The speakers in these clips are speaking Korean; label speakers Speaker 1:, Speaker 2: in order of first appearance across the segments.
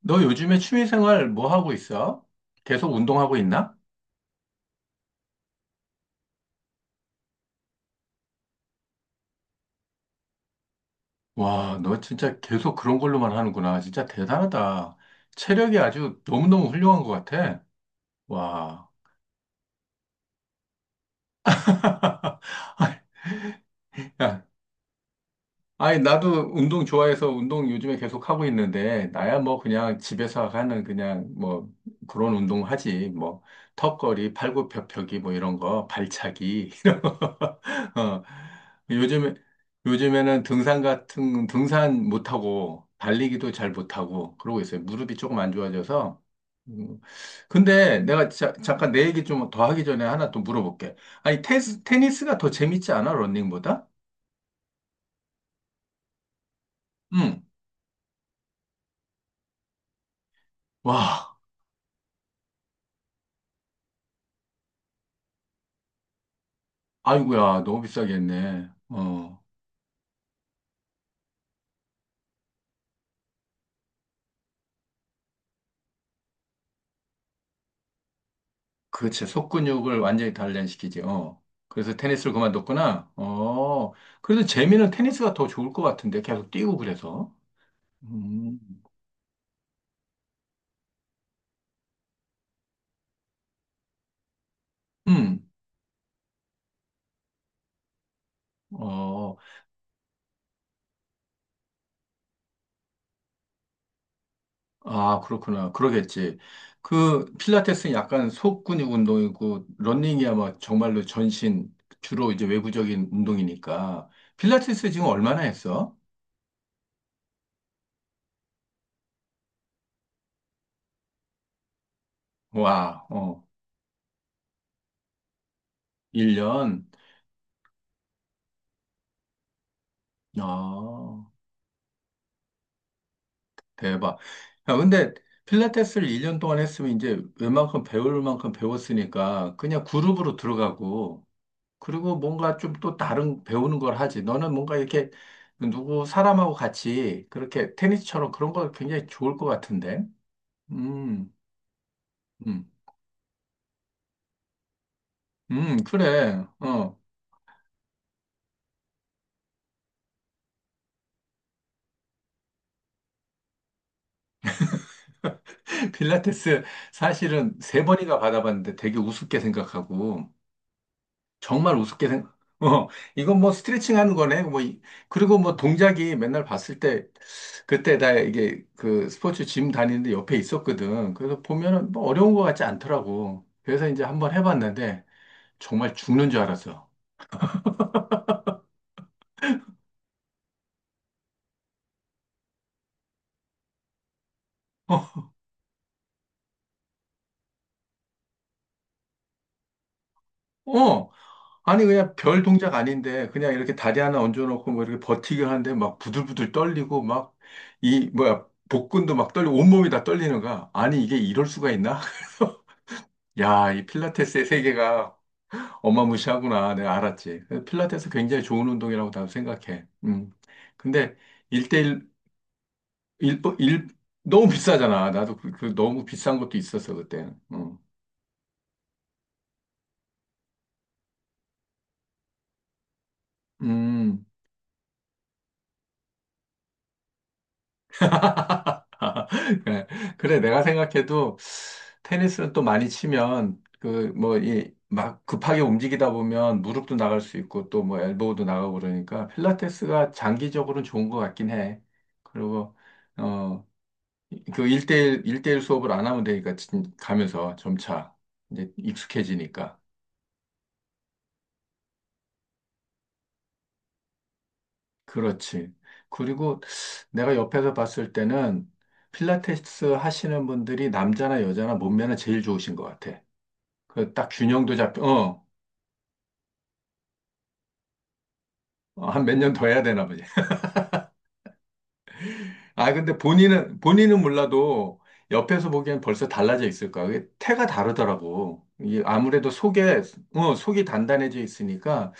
Speaker 1: 너 요즘에 취미생활 뭐 하고 있어? 계속 운동하고 있나? 와, 너 진짜 계속 그런 걸로만 하는구나. 진짜 대단하다. 체력이 아주 너무너무 훌륭한 것 같아. 와. 야, 아니, 나도 운동 좋아해서 운동 요즘에 계속 하고 있는데, 나야 뭐 그냥 집에서 하는 그냥 뭐 그런 운동 하지. 뭐 턱걸이, 팔굽혀펴기 뭐 이런 거, 발차기, 이런 거. 어. 요즘에, 요즘에는 등산 같은, 등산 못하고, 달리기도 잘 못하고, 그러고 있어요. 무릎이 조금 안 좋아져서. 음, 근데 내가 잠깐 내 얘기 좀 더 하기 전에 하나 또 물어볼게. 아니, 테니스가 더 재밌지 않아? 러닝보다? 응. 와. 아이고야, 너무 비싸게 했네. 어, 그치. 속근육을 완전히 단련시키지. 어. 그래서 테니스를 그만뒀구나. 어. 그래도 재미는 테니스가 더 좋을 것 같은데. 계속 뛰고 그래서. 음. 음. 어. 아, 그렇구나. 그러겠지. 그 필라테스는 약간 속근육 운동이고 러닝이야 막 정말로 전신 주로 이제 외부적인 운동이니까. 필라테스 지금 얼마나 했어? 와. 어. 1년. 아. 대박. 야, 근데 필라테스를 1년 동안 했으면 이제 웬만큼 배울 만큼 배웠으니까 그냥 그룹으로 들어가고 그리고 뭔가 좀 또 다른 배우는 걸 하지. 너는 뭔가 이렇게 누구 사람하고 같이 그렇게 테니스처럼 그런 거 굉장히 좋을 것 같은데. 음, 음, 그래. 어. 필라테스 사실은 세 번이나 받아봤는데 되게 우습게 생각하고 정말 우습게 생각. 어, 이건 뭐 스트레칭 하는 거네. 그리고 뭐 동작이 맨날 봤을 때 그때 나 이게 그 스포츠 짐 다니는데 옆에 있었거든. 그래서 보면은 뭐 어려운 거 같지 않더라고. 그래서 이제 한번 해봤는데 정말 죽는 줄 알았어. 어, 어. 아니 그냥 별 동작 아닌데 그냥 이렇게 다리 하나 얹어놓고 뭐 이렇게 버티기 하는데 막 부들부들 떨리고 막 이 뭐야 복근도 막 떨리고 온몸이 다 떨리는 거야. 아니 이게 이럴 수가 있나? 야, 이 필라테스의 세계가 엄마 무시하구나. 내가 알았지. 필라테스 굉장히 좋은 운동이라고 나도 생각해. 음. 근데 일대일일 일- 너무 비싸잖아. 나도 그, 그 너무 비싼 것도 있었어, 그때는. 음. 음. 그래. 그래, 내가 생각해도 테니스는 또 많이 치면 그 뭐 이 막 급하게 움직이다 보면 무릎도 나갈 수 있고 또 뭐 엘보우도 나가고 그러니까 필라테스가 장기적으로는 좋은 것 같긴 해. 그리고 어, 그 1대1, 일대일 수업을 안 하면 되니까 가면서 점차 이제 익숙해지니까. 그렇지. 그리고 내가 옆에서 봤을 때는 필라테스 하시는 분들이 남자나 여자나 몸매는 제일 좋으신 것 같아. 그 딱 균형도 잡혀, 어, 한 몇 년 더 해야 되나 보지. 아, 근데 본인은, 본인은 몰라도 옆에서 보기엔 벌써 달라져 있을 거야. 그게 태가 다르더라고. 이게 아무래도 속에, 어, 속이 단단해져 있으니까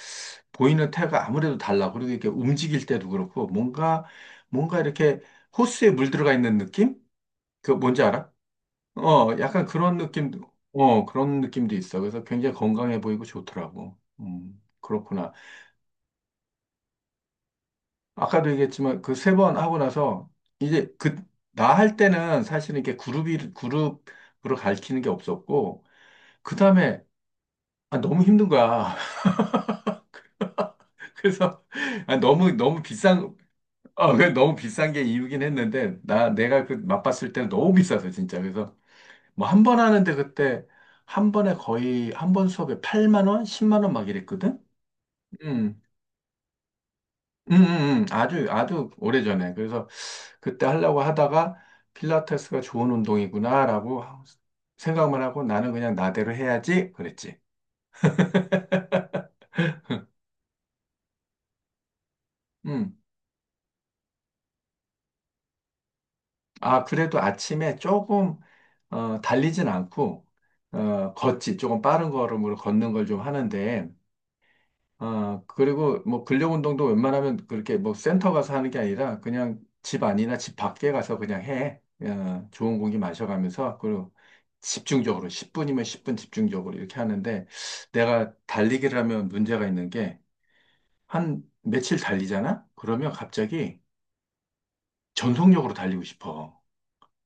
Speaker 1: 보이는 태가 아무래도 달라. 그리고 이렇게 움직일 때도 그렇고 뭔가, 뭔가 이렇게 호수에 물 들어가 있는 느낌? 그 뭔지 알아? 어, 약간 그런 느낌도, 어, 그런 느낌도 있어. 그래서 굉장히 건강해 보이고 좋더라고. 그렇구나. 아까도 얘기했지만 그 세 번 하고 나서 이제 그 나 할 때는 사실은 이렇게 그룹이 그룹으로 가르치는 게 없었고 그 다음에 아, 너무 힘든 거야. 그래서 아, 너무 너무 비싼 어, 그 너무 비싼 게 이유긴 했는데 나 내가 그 맛봤을 때는 너무 비싸서 진짜 그래서 뭐 한 번 하는데 그때 한 번에 거의 한 번 수업에 8만 원, 10만 원 막 이랬거든. 음. 아주, 아주 오래전에. 그래서 그때 하려고 하다가 필라테스가 좋은 운동이구나라고 생각만 하고 나는 그냥 나대로 해야지 그랬지. 음. 아, 그래도 아침에 조금, 어, 달리진 않고, 어, 걷지. 조금 빠른 걸음으로 걷는 걸 좀 하는데, 아, 그리고 뭐 근력 운동도 웬만하면 그렇게 뭐 센터 가서 하는 게 아니라 그냥 집 안이나 집 밖에 가서 그냥 해. 어, 좋은 공기 마셔가면서 그리고 집중적으로 10분이면 10분 집중적으로 이렇게 하는데 내가 달리기를 하면 문제가 있는 게 한 며칠 달리잖아? 그러면 갑자기 전속력으로 달리고 싶어.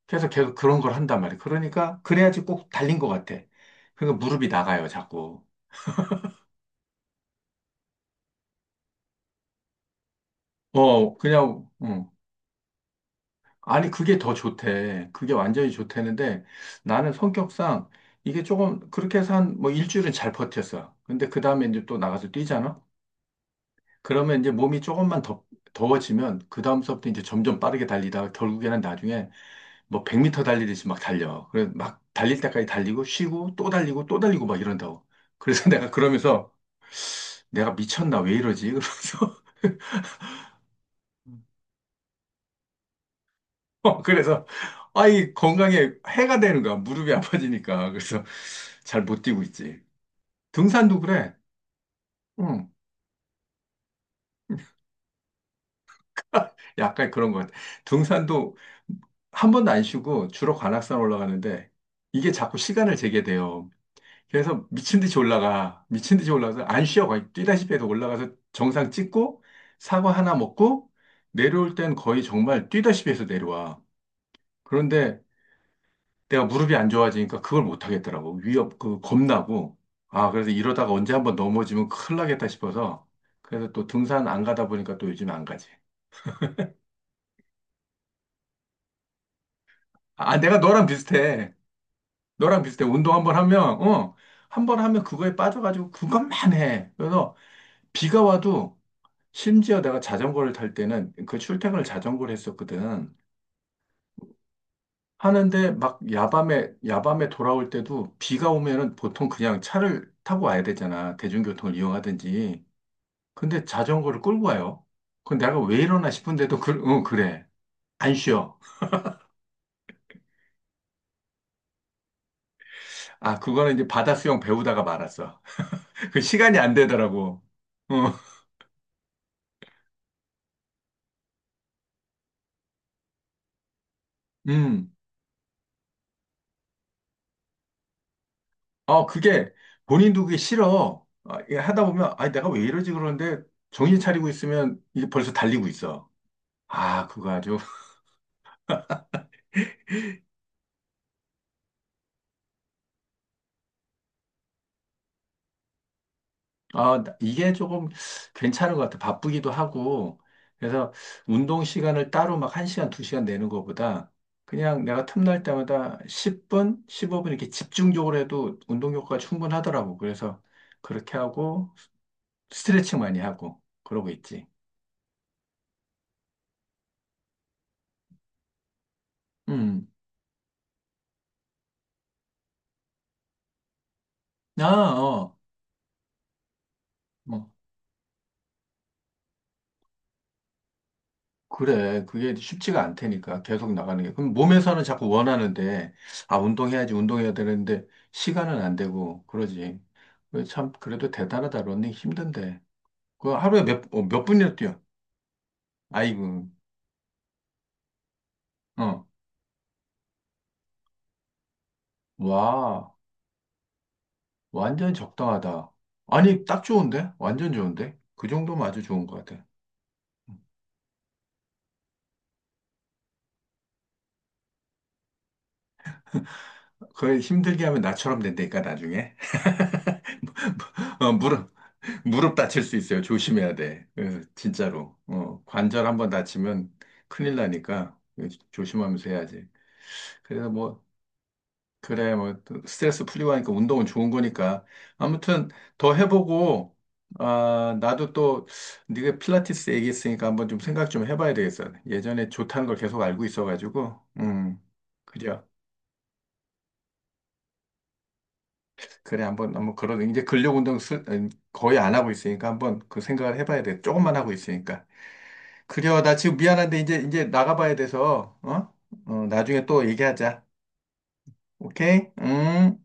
Speaker 1: 그래서 계속 그런 걸 한단 말이야. 그러니까 그래야지 꼭 달린 것 같아. 그러니까 무릎이 나가요, 자꾸. 어, 그냥, 아니, 그게 더 좋대. 그게 완전히 좋대는데 나는 성격상 이게 조금 그렇게 해서 한 뭐 일주일은 잘 버텼어. 근데 그 다음에 이제 또 나가서 뛰잖아? 그러면 이제 몸이 조금만 더, 더워지면 그 다음서부터 이제 점점 빠르게 달리다가 결국에는 나중에 뭐 100m 달리듯이 막 달려. 그래서 막 달릴 때까지 달리고 쉬고 또 달리고 또 달리고 막 이런다고. 그래서 내가 그러면서 내가 미쳤나 왜 이러지? 그러면서 그래서 아이 건강에 해가 되는 거야. 무릎이 아파지니까. 그래서 잘 못 뛰고 있지. 등산도 그래. 응. 약간 그런 것 같아. 등산도 한 번도 안 쉬고 주로 관악산 올라가는데 이게 자꾸 시간을 재게 돼요. 그래서 미친 듯이 올라가. 미친 듯이 올라가서 안 쉬어. 거의 뛰다시피 해서 올라가서 정상 찍고 사과 하나 먹고 내려올 땐 거의 정말 뛰다시피 해서 내려와. 그런데 내가 무릎이 안 좋아지니까 그걸 못 하겠더라고. 위협, 그, 겁나고. 아, 그래서 이러다가 언제 한번 넘어지면 큰일 나겠다 싶어서. 그래서 또 등산 안 가다 보니까 또 요즘 안 가지. 아, 아, 내가 너랑 비슷해. 너랑 비슷해. 운동 한번 하면, 어, 한번 하면 그거에 빠져가지고 그것만 해. 그래서 비가 와도 심지어 내가 자전거를 탈 때는 그 출퇴근을 자전거를 했었거든. 하는데 막 야밤에, 야밤에 돌아올 때도 비가 오면은 보통 그냥 차를 타고 와야 되잖아. 대중교통을 이용하든지. 근데 자전거를 끌고 와요. 그 내가 왜 이러나 싶은데도 그, 응, 그래. 안 쉬어. 아, 그거는 이제 바다 수영 배우다가 말았어. 그 시간이 안 되더라고. 어, 음. 어, 그게 본인도 그게 싫어. 아, 이게 하다 보면 아, 내가 왜 이러지 그러는데 정신 차리고 있으면 이게 벌써 달리고 있어. 아, 그거 아주 아, 이게 조금 괜찮은 것 같아. 바쁘기도 하고. 그래서 운동 시간을 따로 막 1시간, 2시간 내는 것보다 그냥 내가 틈날 때마다 10분, 15분 이렇게 집중적으로 해도 운동 효과가 충분하더라고. 그래서 그렇게 하고 스트레칭 많이 하고 그러고 있지. 음. 아, 어. 뭐. 그래, 그게 쉽지가 않다니까, 계속 나가는 게. 그럼 몸에서는 자꾸 원하는데, 아, 운동해야지, 운동해야 되는데, 시간은 안 되고, 그러지. 그래, 참, 그래도 대단하다, 러닝 힘든데. 그 하루에 몇, 어, 몇 분이나 뛰어? 아이고, 어. 와, 완전 적당하다. 아니, 딱 좋은데? 완전 좋은데? 그 정도면 아주 좋은 것 같아. 응. 그걸 힘들게 하면 나처럼 된다니까, 나중에. 어, 물어. 무릎 다칠 수 있어요. 조심해야 돼. 예, 진짜로. 어, 관절 한번 다치면 큰일 나니까 예, 조심하면서 해야지. 그래서 뭐, 그래, 뭐, 또 스트레스 풀리고 하니까 운동은 좋은 거니까. 아무튼 더 해보고, 아, 나도 또 네가 필라테스 얘기했으니까 한번 좀 생각 좀 해봐야 되겠어. 예전에 좋다는 걸 계속 알고 있어가지고, 그래. 그래, 한번, 한번 그런, 이제 근력 운동 거의 안 하고 있으니까 한번 그 생각을 해봐야 돼. 조금만 하고 있으니까. 그래요. 나 지금 미안한데 이제 나가봐야 돼서 어? 어, 나중에 또 얘기하자. 오케이? 음.